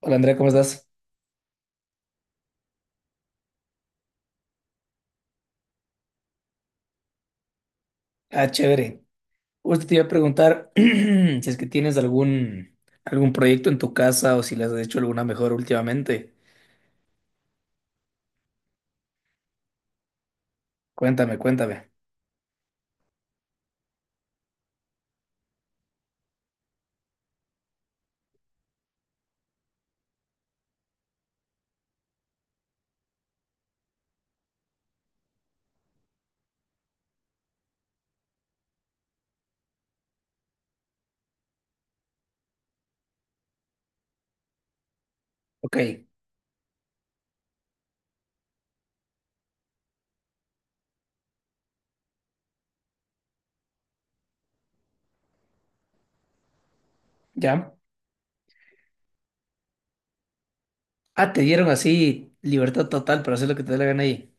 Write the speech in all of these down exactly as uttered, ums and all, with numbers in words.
Hola Andrea, ¿cómo estás? Ah, chévere. Justo te iba a preguntar si es que tienes algún, algún proyecto en tu casa o si le has hecho alguna mejor últimamente. Cuéntame, cuéntame. Ok, ¿ya? Ah, te dieron así libertad total para hacer lo que te dé la gana ahí.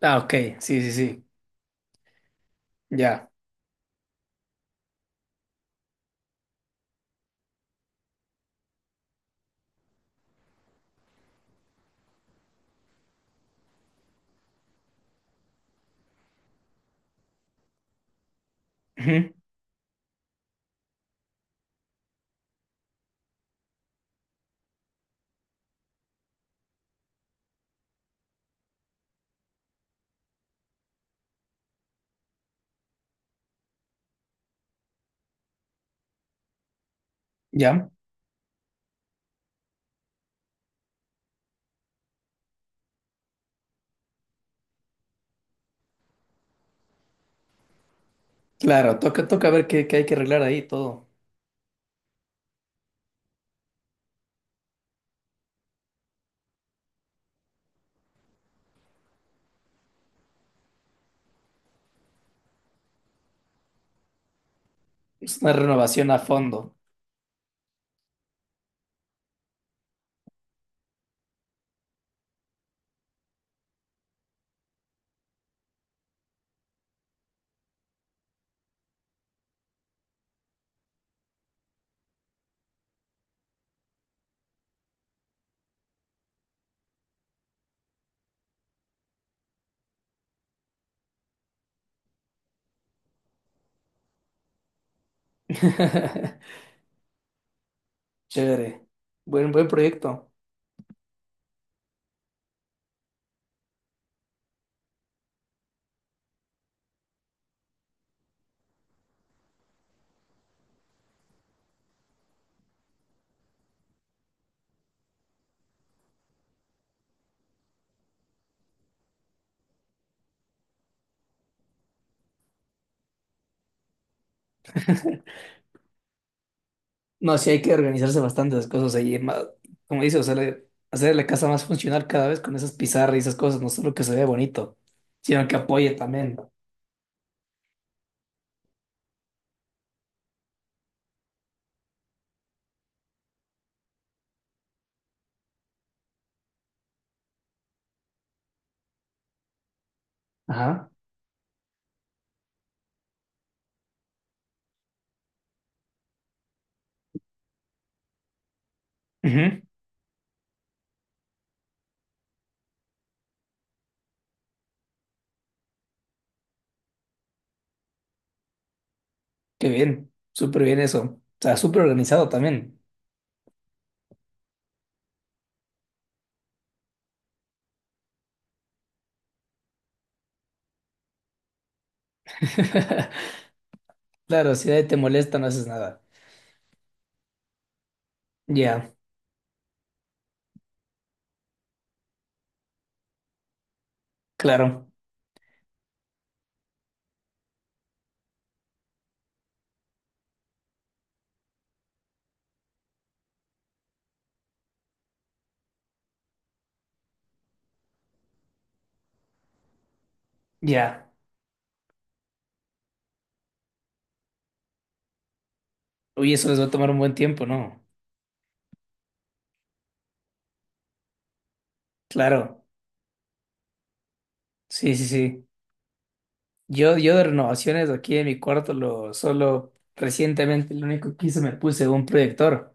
Ah, ok, sí, sí, sí, ya. Ujú. ¿Ya? Claro, toca, toca ver qué, qué hay que arreglar ahí todo. Es una renovación a fondo. Chévere. Buen, buen proyecto. No, sí hay que organizarse bastantes cosas ahí, ma- como dices, o sea, le- hacer la casa más funcional cada vez con esas pizarras y esas cosas, no solo que se vea bonito, sino que apoye también. Ajá. Ujú. Qué bien, súper bien eso. O sea, súper organizado también. Claro, si nadie te molesta, no haces nada. Ya, claro, ya. Uy, eso les va a tomar un buen tiempo, ¿no? Claro, sí, sí, sí. Yo, yo de renovaciones aquí en mi cuarto, lo solo recientemente, lo único que hice, me puse un proyector.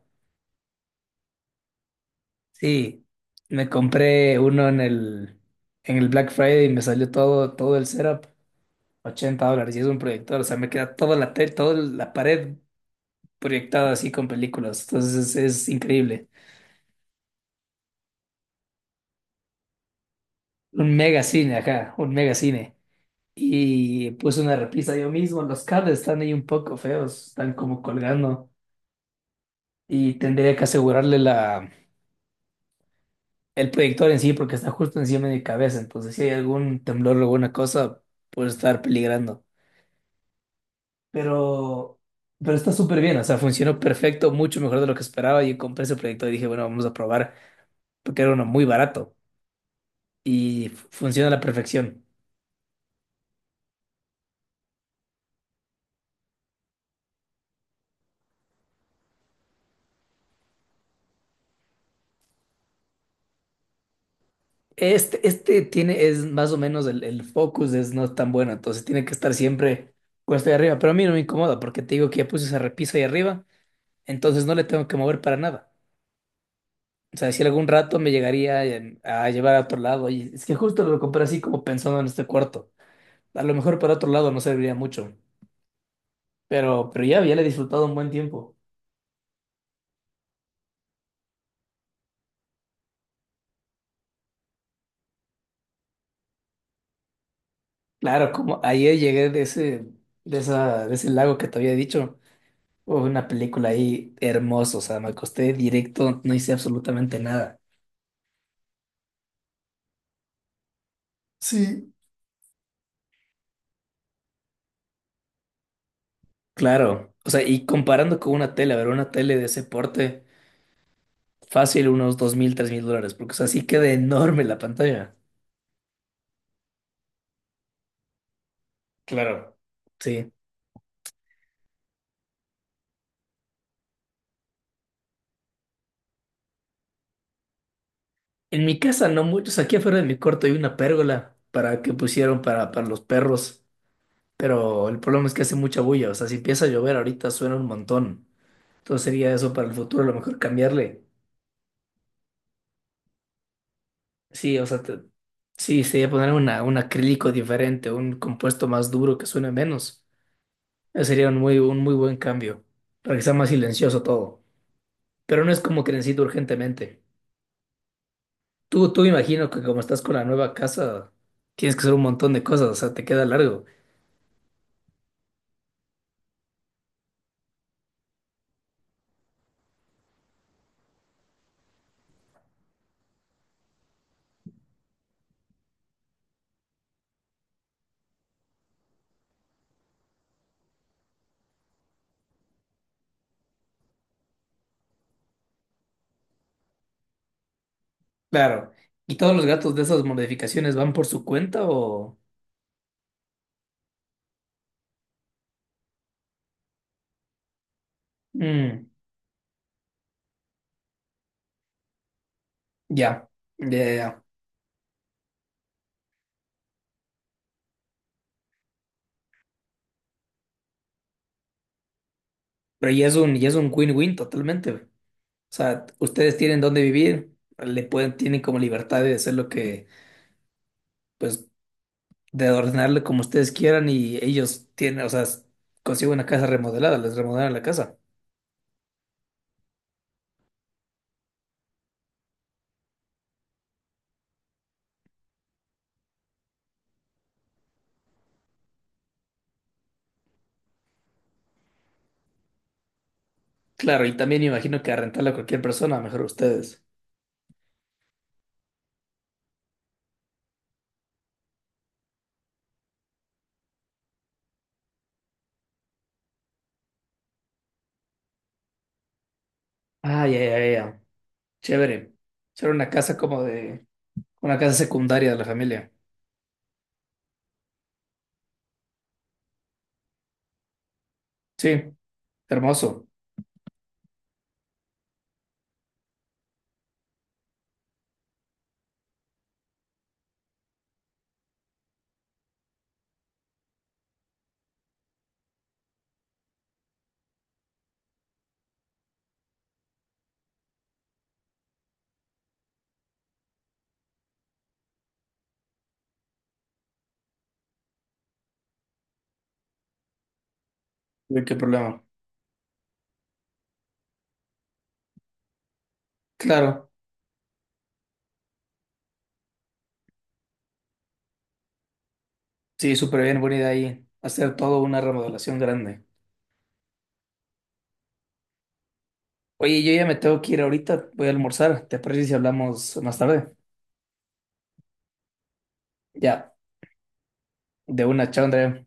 Sí, me compré uno en el, en el Black Friday y me salió todo, todo, el setup, ochenta dólares y es un proyector, o sea, me queda toda la, tele, toda la pared proyectada así con películas, entonces es, es increíble. Un mega cine, ajá, un mega cine. Y puse una repisa yo mismo, los cables están ahí un poco feos, están como colgando y tendría que asegurarle la, el proyector en sí porque está justo encima de mi cabeza, entonces si hay algún temblor o alguna cosa, puede estar peligrando. Pero, pero está súper bien, o sea, funcionó perfecto, mucho mejor de lo que esperaba. Y compré ese proyecto y dije, bueno, vamos a probar, porque era uno muy barato y fu- funciona a la perfección. Este, este tiene, es más o menos el, el focus, es no tan bueno, entonces tiene que estar siempre cuesta de arriba, pero a mí no me incomoda, porque te digo que ya puse esa repisa ahí arriba, entonces no le tengo que mover para nada. O sea, si algún rato me llegaría em, a llevar a otro lado, y es que justo lo compré así como pensando en este cuarto. A lo mejor para otro lado no serviría mucho. Pero, pero ya, ya le he disfrutado un buen tiempo. Claro, como ayer llegué de ese, de esa, de ese lago que te había dicho. Hubo una película ahí hermosa, o sea, me acosté directo, no hice absolutamente nada. Sí. Claro, o sea, y comparando con una tele, a ver, una tele de ese porte, fácil unos dos mil, tres mil dólares, porque, o sea, sí queda enorme la pantalla. Claro. Sí. En mi casa no muchos, aquí afuera de mi cuarto hay una pérgola para que pusieron para, para los perros. Pero el problema es que hace mucha bulla, o sea, si empieza a llover ahorita suena un montón. Entonces sería eso para el futuro, a lo mejor cambiarle. Sí, o sea, te- sí, sería poner una, un acrílico diferente, un compuesto más duro que suene menos. Ese sería un muy, un muy buen cambio, para que sea más silencioso todo. Pero no es como que necesito urgentemente. Tú, tú imagino que como estás con la nueva casa, tienes que hacer un montón de cosas, o sea, te queda largo. Claro. ¿Y todos los gatos de esas modificaciones van por su cuenta o...? Mm, ya. Ya, ya. Pero ya es un, ya es un win-win totalmente, güey. O sea, ustedes tienen dónde vivir, le pueden, tienen como libertad de hacer lo que, pues, de ordenarle como ustedes quieran y ellos tienen, o sea, s- consiguen una casa remodelada, les remodelan la casa. Claro, y también me imagino que a rentarla a cualquier persona, mejor ustedes. Ah, ya, ya, ya, ya. Chévere. Será una casa como de, una casa secundaria de la familia. Sí, hermoso. No hay, ¿qué problema? Claro, sí, súper bien, buena idea ahí. Hacer todo una remodelación grande. Oye, yo ya me tengo que ir ahorita, voy a almorzar. ¿Te parece si hablamos más tarde? Ya, de una, chao, Andrea.